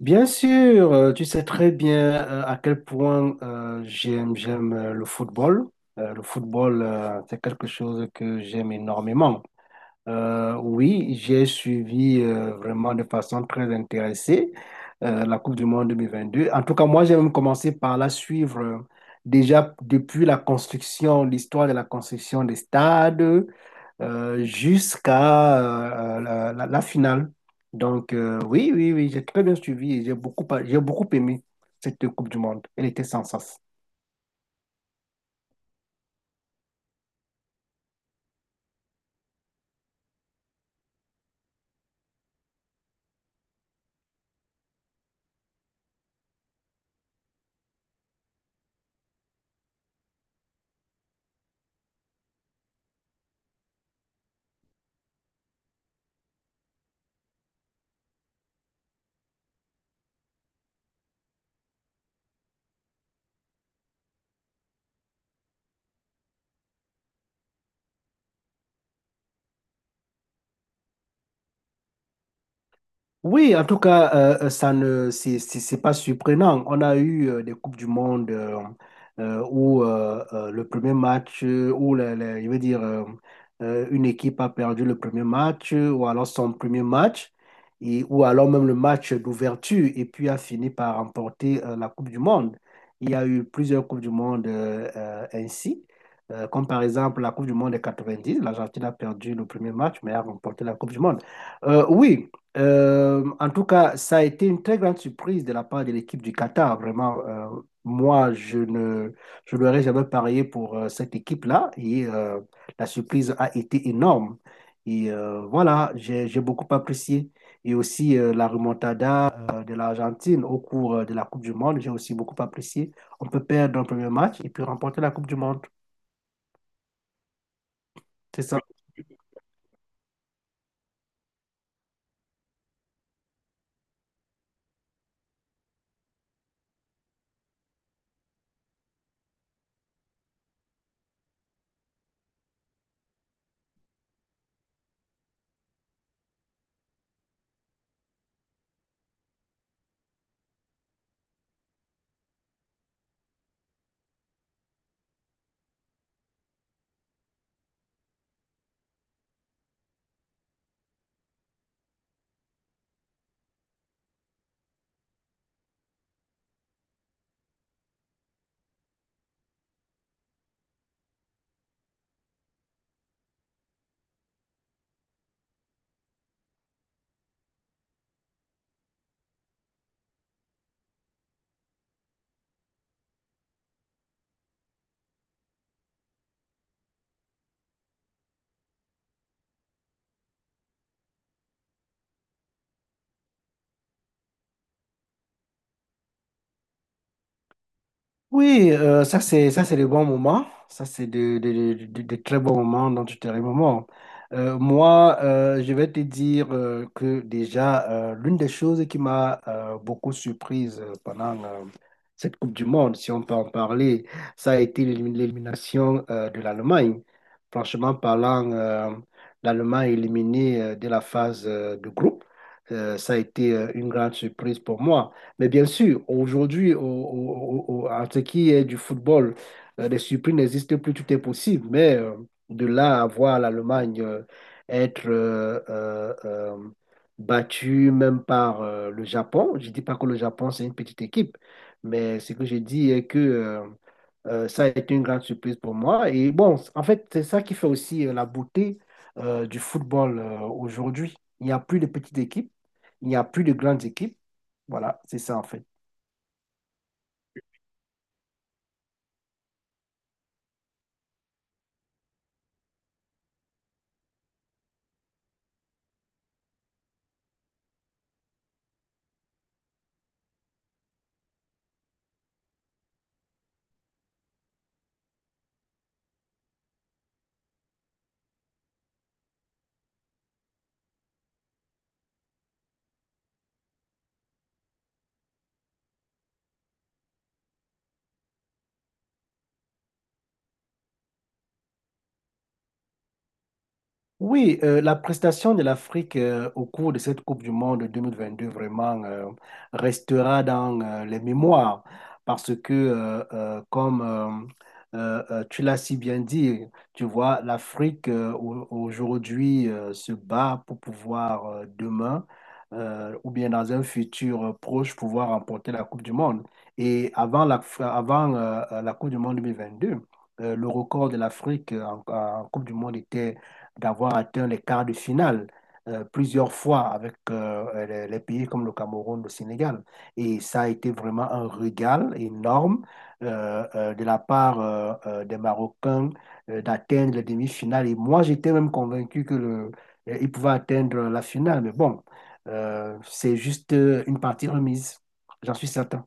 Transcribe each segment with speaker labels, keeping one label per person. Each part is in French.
Speaker 1: Bien sûr, tu sais très bien à quel point j'aime le football. Le football, c'est quelque chose que j'aime énormément. Oui, j'ai suivi vraiment de façon très intéressée la Coupe du Monde 2022. En tout cas, moi, j'ai même commencé par la suivre déjà depuis la construction, l'histoire de la construction des stades jusqu'à la finale. Donc, oui, oui, oui, j'ai très bien suivi et j'ai beaucoup aimé cette Coupe du Monde. Elle était sans sens. Oui, en tout cas, ça ne, c'est pas surprenant. On a eu des Coupes du Monde où le premier match, je veux dire, une équipe a perdu le premier match, ou alors son premier match, et, ou alors même le match d'ouverture, et puis a fini par remporter la Coupe du Monde. Il y a eu plusieurs Coupes du Monde ainsi, comme par exemple la Coupe du Monde des 90. L'Argentine a perdu le premier match, mais a remporté la Coupe du Monde. Oui. En tout cas, ça a été une très grande surprise de la part de l'équipe du Qatar. Vraiment, moi, je ne, je n'aurais jamais parié pour cette équipe-là et la surprise a été énorme. Et voilà, j'ai beaucoup apprécié. Et aussi la remontada de l'Argentine au cours de la Coupe du Monde, j'ai aussi beaucoup apprécié. On peut perdre un premier match et puis remporter la Coupe du Monde. C'est ça. Oui, ça c'est le bon moment. Ça c'est de très bons moments dont tu te remémores. Moi, je vais te dire que déjà, l'une des choses qui m'a beaucoup surprise pendant cette Coupe du Monde, si on peut en parler, ça a été l'élimination de l'Allemagne. Franchement parlant, l'Allemagne éliminée dès la phase de groupe, ça a été une grande surprise pour moi. Mais bien sûr, aujourd'hui, en ce qui est du football, les surprises n'existent plus, tout est possible. Mais de là à voir l'Allemagne être battue même par le Japon, je ne dis pas que le Japon, c'est une petite équipe, mais ce que je dis est que ça a été une grande surprise pour moi. Et bon, en fait, c'est ça qui fait aussi la beauté du football aujourd'hui. Il n'y a plus de petites équipes, il n'y a plus de grandes équipes. Voilà, c'est ça en fait. Oui, la prestation de l'Afrique au cours de cette Coupe du Monde 2022 vraiment restera dans les mémoires parce que, comme tu l'as si bien dit, tu vois, l'Afrique aujourd'hui se bat pour pouvoir demain ou bien dans un futur proche pouvoir remporter la Coupe du Monde. Et avant, la Coupe du Monde 2022, le record de l'Afrique en Coupe du Monde était d'avoir atteint les quarts de finale plusieurs fois avec les pays comme le Cameroun, le Sénégal. Et ça a été vraiment un régal énorme de la part des Marocains d'atteindre les demi-finales. Et moi, j'étais même convaincu que ils pouvaient atteindre la finale. Mais bon, c'est juste une partie remise, j'en suis certain.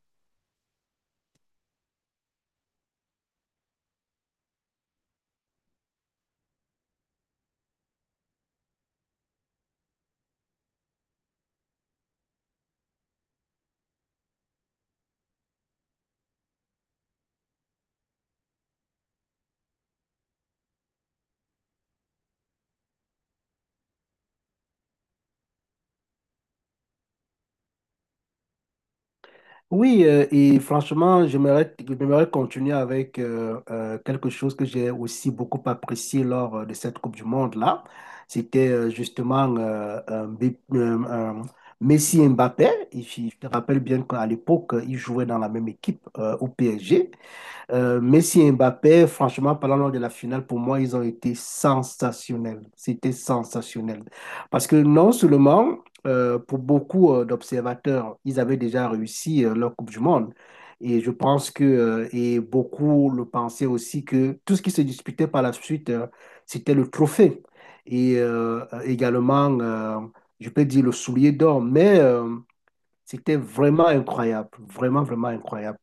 Speaker 1: Oui, et franchement, j'aimerais continuer avec quelque chose que j'ai aussi beaucoup apprécié lors de cette Coupe du Monde-là. C'était justement un Messi et Mbappé. Et je te rappelle bien qu'à l'époque, ils jouaient dans la même équipe au PSG. Messi et Mbappé, franchement, parlant lors de la finale, pour moi, ils ont été sensationnels. C'était sensationnel. Parce que non seulement, pour beaucoup d'observateurs, ils avaient déjà réussi leur Coupe du Monde. Et je pense que, et beaucoup le pensaient aussi, que tout ce qui se disputait par la suite, c'était le trophée. Et également, je peux dire le soulier d'or. Mais c'était vraiment incroyable. Vraiment, vraiment incroyable.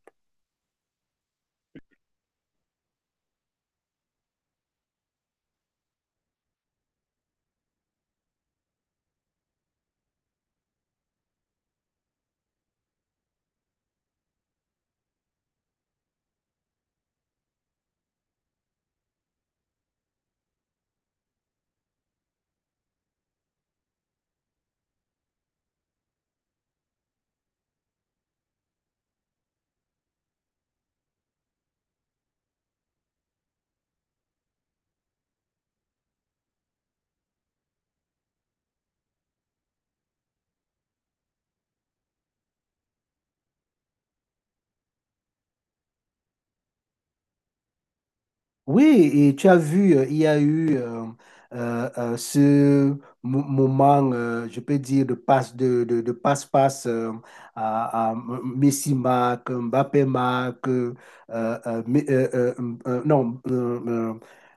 Speaker 1: Oui, et tu as vu, il y a eu ce moment, je peux dire, de passe-passe à Messi marque, Mbappé marque, mais- non,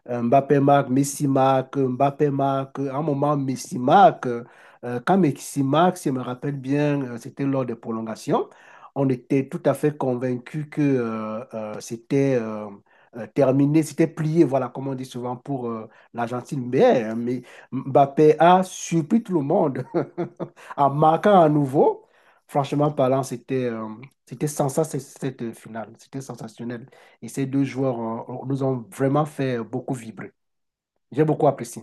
Speaker 1: Mbappé marque, Messi marque, Mbappé marque. À un moment, Messi marque. Quand Messi marque, si je me rappelle bien, c'était lors des prolongations. On était tout à fait convaincus que c'était terminé, c'était plié, voilà, comme on dit souvent pour l'Argentine. Mais Mbappé a surpris tout le monde en marquant à nouveau. Franchement parlant, c'était sensationnel cette finale. C'était sensationnel. Et ces deux joueurs nous ont vraiment fait beaucoup vibrer. J'ai beaucoup apprécié.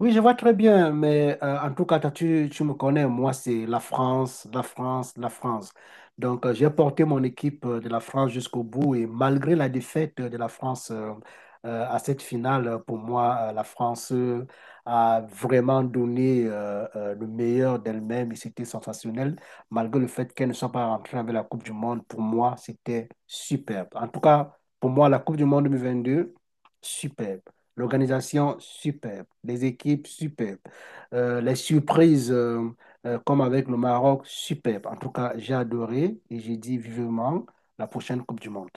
Speaker 1: Oui, je vois très bien, mais en tout cas, toi, tu me connais, moi, c'est la France, la France, la France. Donc, j'ai porté mon équipe de la France jusqu'au bout et malgré la défaite de la France à cette finale, pour moi, la France a vraiment donné le meilleur d'elle-même et c'était sensationnel. Malgré le fait qu'elle ne soit pas rentrée avec la Coupe du Monde, pour moi, c'était superbe. En tout cas, pour moi, la Coupe du Monde 2022, superbe. L'organisation superbe, les équipes superbes, les surprises comme avec le Maroc superbes. En tout cas, j'ai adoré et j'ai dit vivement la prochaine Coupe du Monde.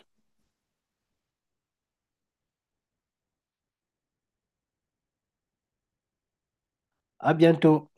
Speaker 1: À bientôt.